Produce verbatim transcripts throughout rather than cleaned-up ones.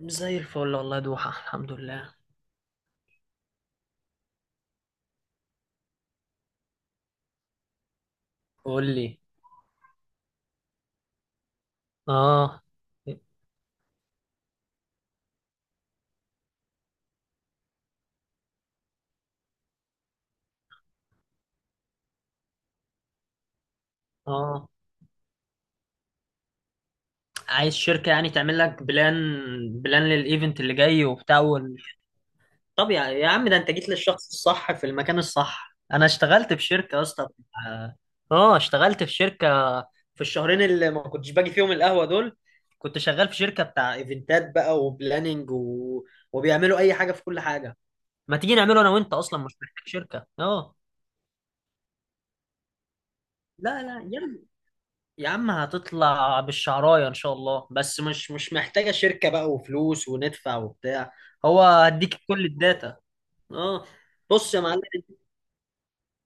زي الفل والله، دوحة، الحمد لله. قول لي. اه. اه، عايز شركة يعني تعمل لك بلان، بلان للايفنت اللي جاي وبتاع وال... طب يا يا عم، ده انت جيت للشخص الصح في المكان الصح. انا اشتغلت في شركة يا اسطى. اه. آه، اشتغلت في شركة، في الشهرين اللي ما كنتش باجي فيهم القهوة دول كنت شغال في شركة بتاع ايفنتات بقى وبلاننج و... وبيعملوا اي حاجة في كل حاجة. ما تيجي نعمله انا وانت، اصلا مش محتاج شركة. اه، لا لا يلا. يا عم هتطلع بالشعراية إن شاء الله، بس مش مش محتاجة شركة بقى وفلوس وندفع وبتاع. هو هديك كل الداتا. اه. بص يا معلم،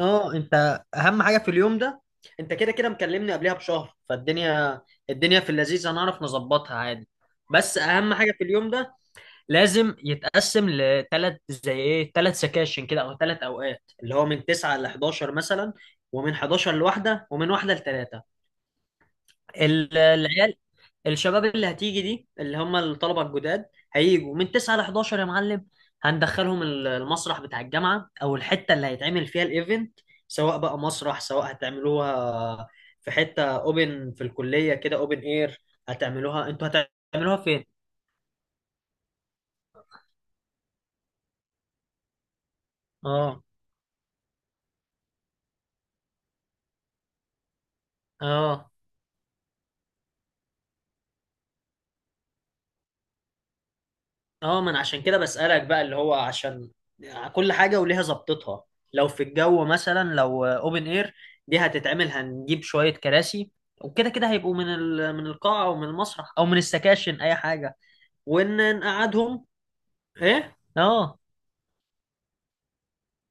اه انت اهم حاجة في اليوم ده. انت كده كده مكلمني قبلها بشهر، فالدنيا، الدنيا في اللذيذ هنعرف نظبطها عادي. بس اهم حاجة في اليوم ده لازم يتقسم لثلاث، زي ايه، ثلاث سكاشن كده او ثلاث اوقات، اللي هو من تسعة ل حداشر مثلا، ومن حداشر لواحدة، ومن واحدة لثلاثة. ال- العيال، الشباب اللي هتيجي دي اللي هم الطلبه الجداد، هيجوا من تسعة ل حداشر يا معلم. هندخلهم ال- المسرح بتاع الجامعه، او الحته اللي هيتعمل فيها الايفنت، سواء بقى مسرح، سواء هتعملوها في حته اوبن في الكليه كده، اوبن اير. هتعملوها انتوا؟ هتعملوها فين؟ اه. اه. اه، ما انا عشان كده بسألك بقى، اللي هو عشان كل حاجة وليها ظبطتها. لو في الجو مثلا، لو اوبن اير دي هتتعمل، هنجيب شوية كراسي، وكده كده هيبقوا من ال... من القاعة او من المسرح او من السكاشن اي حاجة، وان نقعدهم. ايه، اه.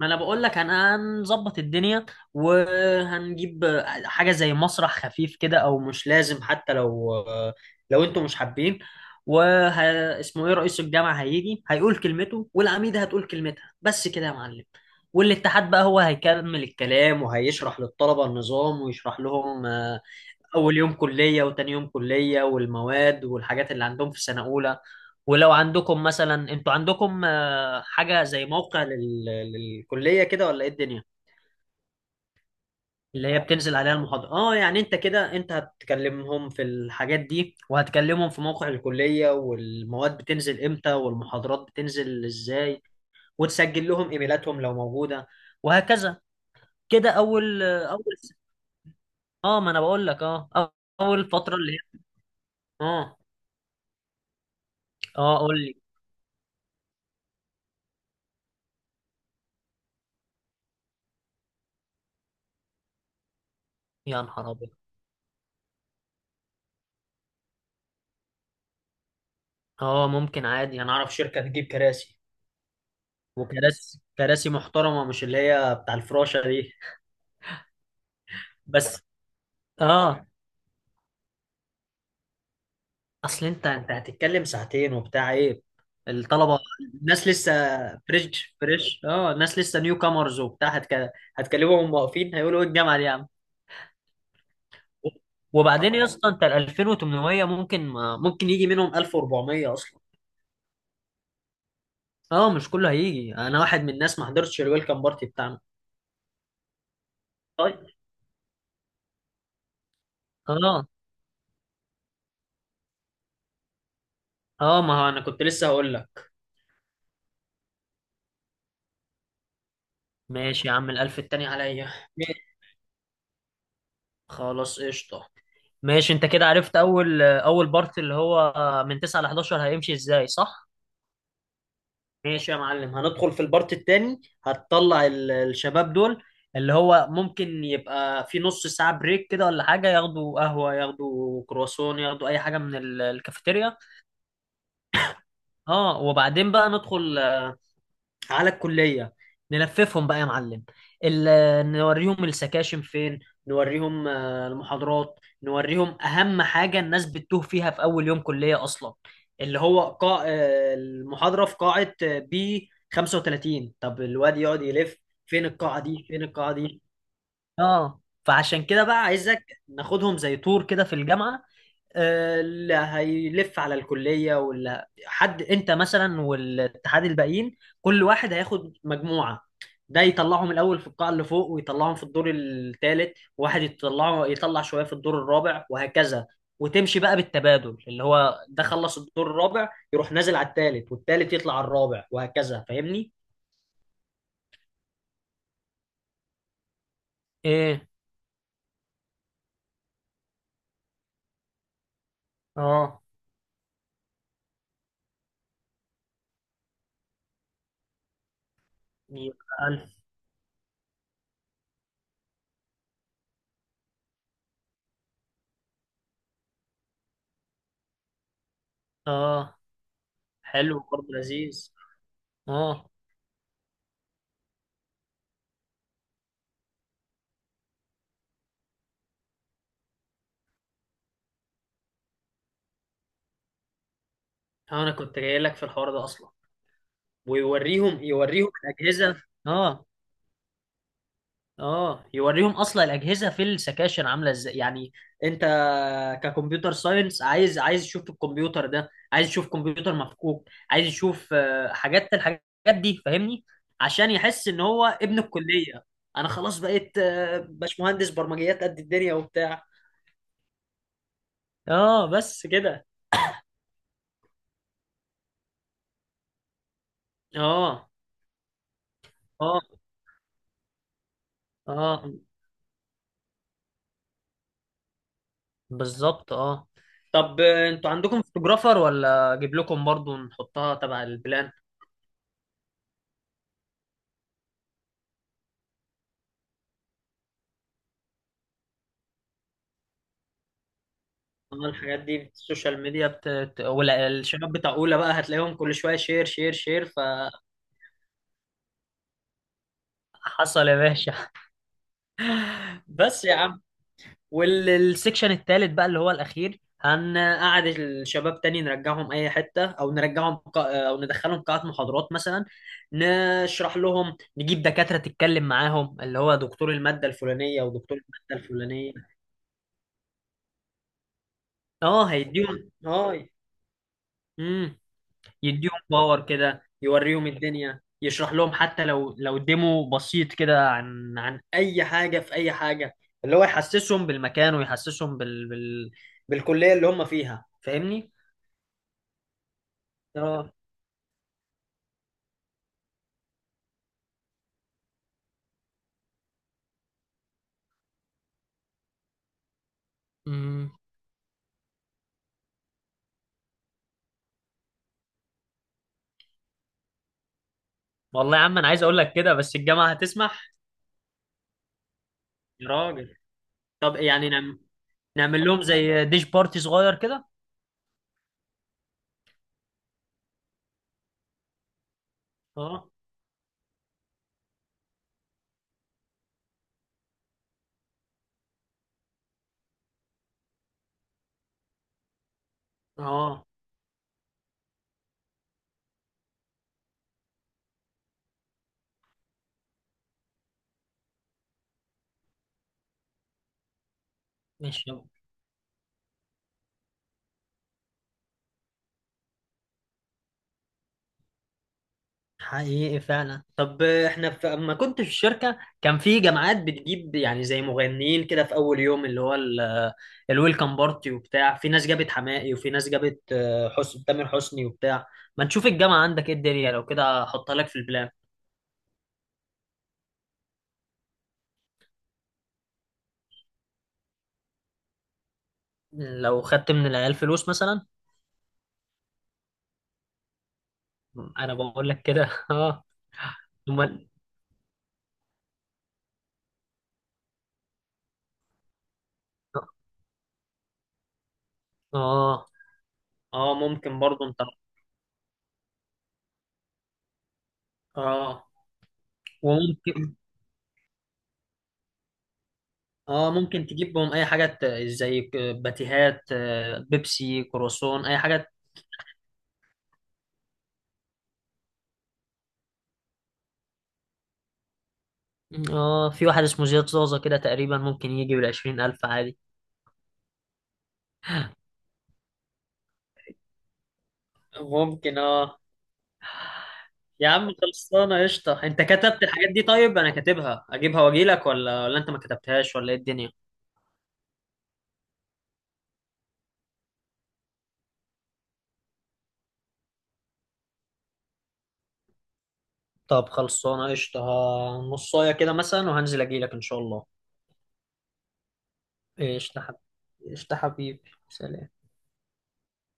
ما انا بقول لك، هن- هنظبط الدنيا، وهنجيب حاجه زي مسرح خفيف كده، او مش لازم حتى. لو، لو انتوا مش حابين. وه اسمه ايه، رئيس الجامعه هيجي هيقول كلمته، والعميده هتقول كلمتها، بس كده يا معلم. والاتحاد بقى هو هيكمل الكلام، وهيشرح للطلبه النظام، ويشرح لهم. آه، اول يوم كليه، وتاني يوم كليه، والمواد، والحاجات اللي عندهم في سنه اولى. ولو عندكم مثلا، انتوا عندكم آه، حاجه زي موقع لل... للكليه كده، ولا ايه الدنيا اللي هي بتنزل عليها المحاضره. اه يعني انت كده، انت هتكلمهم في الحاجات دي، وهتكلمهم في موقع الكليه، والمواد بتنزل امتى، والمحاضرات بتنزل ازاي، وتسجل لهم ايميلاتهم لو موجوده، وهكذا. كده اول، آه، اول، اه ما انا بقول لك، اه. اول فتره اللي هي، اه. اه قول لي. يا نهار ابيض، اه ممكن عادي، انا اعرف شركه تجيب كراسي. وكراسي كراسي محترمه، مش اللي هي بتاع الفراشه دي. بس. اه اصل انت، انت هتتكلم ساعتين وبتاع، ايه، الطلبه، الناس لسه فريش فريش. اه الناس لسه نيو كامرز وبتاع، هتك... هتكلمهم واقفين، هيقولوا ايه الجامعه دي يا عم. وبعدين يا اسطى، انت ال ألفين وتمنمية، ممكن ما... ممكن يجي منهم ألف واربعمية اصلا. اه مش كله هيجي، انا واحد من الناس ما حضرتش الويلكم بارتي بتاعنا. طيب، اه. اه ما هو انا كنت لسه هقول لك. ماشي يا عم، الالف التاني عليا. ماشي. خلاص قشطة. ماشي انت كده عرفت اول، اول بارت اللي هو من تسعة ل احدى عشر هيمشي ازاي، صح؟ ماشي يا معلم، هندخل في البارت التاني، هتطلع ال- الشباب دول، اللي هو ممكن يبقى في نص ساعة بريك كده ولا حاجة، ياخدوا قهوة، ياخدوا كرواسون، ياخدوا اي حاجة من ال- الكافيتيريا. اه. وبعدين بقى ندخل على الكلية، نلففهم بقى يا معلم. ال- نوريهم السكاشن فين، نوريهم آه، المحاضرات، نوريهم أهم حاجة الناس بتتوه فيها في أول يوم كلية أصلا، اللي هو قاع آه، المحاضرة في قاعة بي خمسة وثلاثين، طب الواد يقعد يلف فين القاعة دي، فين القاعة دي. اه فعشان كده بقى عايزك ناخدهم زي تور كده في الجامعة. آه، اللي هيلف على الكلية، ولا حد انت مثلا والاتحاد الباقيين، كل واحد هياخد مجموعة، ده يطلعهم الاول في القاعة اللي فوق، ويطلعهم في الدور الثالث، وواحد يطلعه، يطلع شوية في الدور الرابع، وهكذا. وتمشي بقى بالتبادل، اللي هو ده خلص الدور الرابع يروح نازل على الثالث، والثالث يطلع على الرابع وهكذا، فاهمني؟ ايه. اه. يبقى ألف. اه. حلو برضه، لذيذ. اه. انا كنت جاي لك في الحوار ده اصلا. ويوريهم يوريهم الاجهزه، اه. اه يوريهم اصلا الاجهزه في السكاشن عامله ازاي، يعني انت ككمبيوتر ساينس، عايز عايز تشوف الكمبيوتر، ده عايز تشوف كمبيوتر مفكوك، عايز تشوف آه، حاجات، الحاجات دي، فاهمني؟ عشان يحس ان هو ابن الكليه. انا خلاص بقيت آه، باشمهندس برمجيات قد الدنيا وبتاع. اه بس كده. اه. اه. اه بالظبط. اه. طب، آه، انتوا عندكم فوتوجرافر، ولا اجيب لكم برضو نحطها تبع البلان؟ أما الحاجات دي في السوشيال ميديا بت... بت- ولا الشباب بتاع اولى بقى، هتلاقيهم كل شويه شير شير شير. فحصل يا باشا. بس يا عم. والسكشن التالت بقى اللي هو الاخير، هنقعد الشباب تاني، نرجعهم اي حته، او نرجعهم، ق... او ندخلهم قاعه محاضرات مثلا، نشرح لهم، نجيب دكاتره تتكلم معاهم، اللي هو دكتور الماده الفلانيه ودكتور الماده الفلانيه. اه هيديهم، اه. امم. يديهم باور كده، يوريهم الدنيا، يشرح لهم حتى لو، لو ديمو بسيط كده عن، عن اي حاجه في اي حاجه. اللي هو يحسسهم بالمكان، ويحسسهم بال... بال... بالكليه اللي هم فيها، فاهمني؟ اه. امم. والله يا عم انا عايز اقول لك كده، بس الجامعه هتسمح؟ يا راجل. طب يعني، نعم... نعمل لهم زي ديش بارتي صغير كده. اه. اه ماشي. حقيقي فعلا. طب احنا في... اما كنت في الشركه، كان في جامعات بتجيب يعني زي مغنيين كده في اول يوم، اللي هو ال- الويلكم بارتي وبتاع. في ناس جابت حماقي، وفي ناس جابت آه، حسن، تامر حسني وبتاع. ما تشوف الجامعه عندك ايه الدنيا، لو كده احطها لك في البلان. لو خدت من العيال فلوس مثلا. انا بقول لك كده. اه. امال. اه. اه ممكن برضه انت. اه. وممكن، اه ممكن تجيبهم اي حاجه، ت- زي ك- باتيهات، آه، بيبسي، كروسون، اي حاجه. اه في واحد اسمه زياد زوزة كده تقريبا، ممكن يجي بالعشرين ألف عادي. ممكن، اه. يا عم خلصانه قشطه. انت كتبت الحاجات دي؟ طيب انا كاتبها اجيبها واجيلك، ولا، ولا انت ما كتبتهاش ولا ايه الدنيا؟ طب خلصانه قشطه، ها- نصايه كده مثلا وهنزل اجيلك ان شاء الله. قشطه حبيبي. قشطه حبيبي، سلام.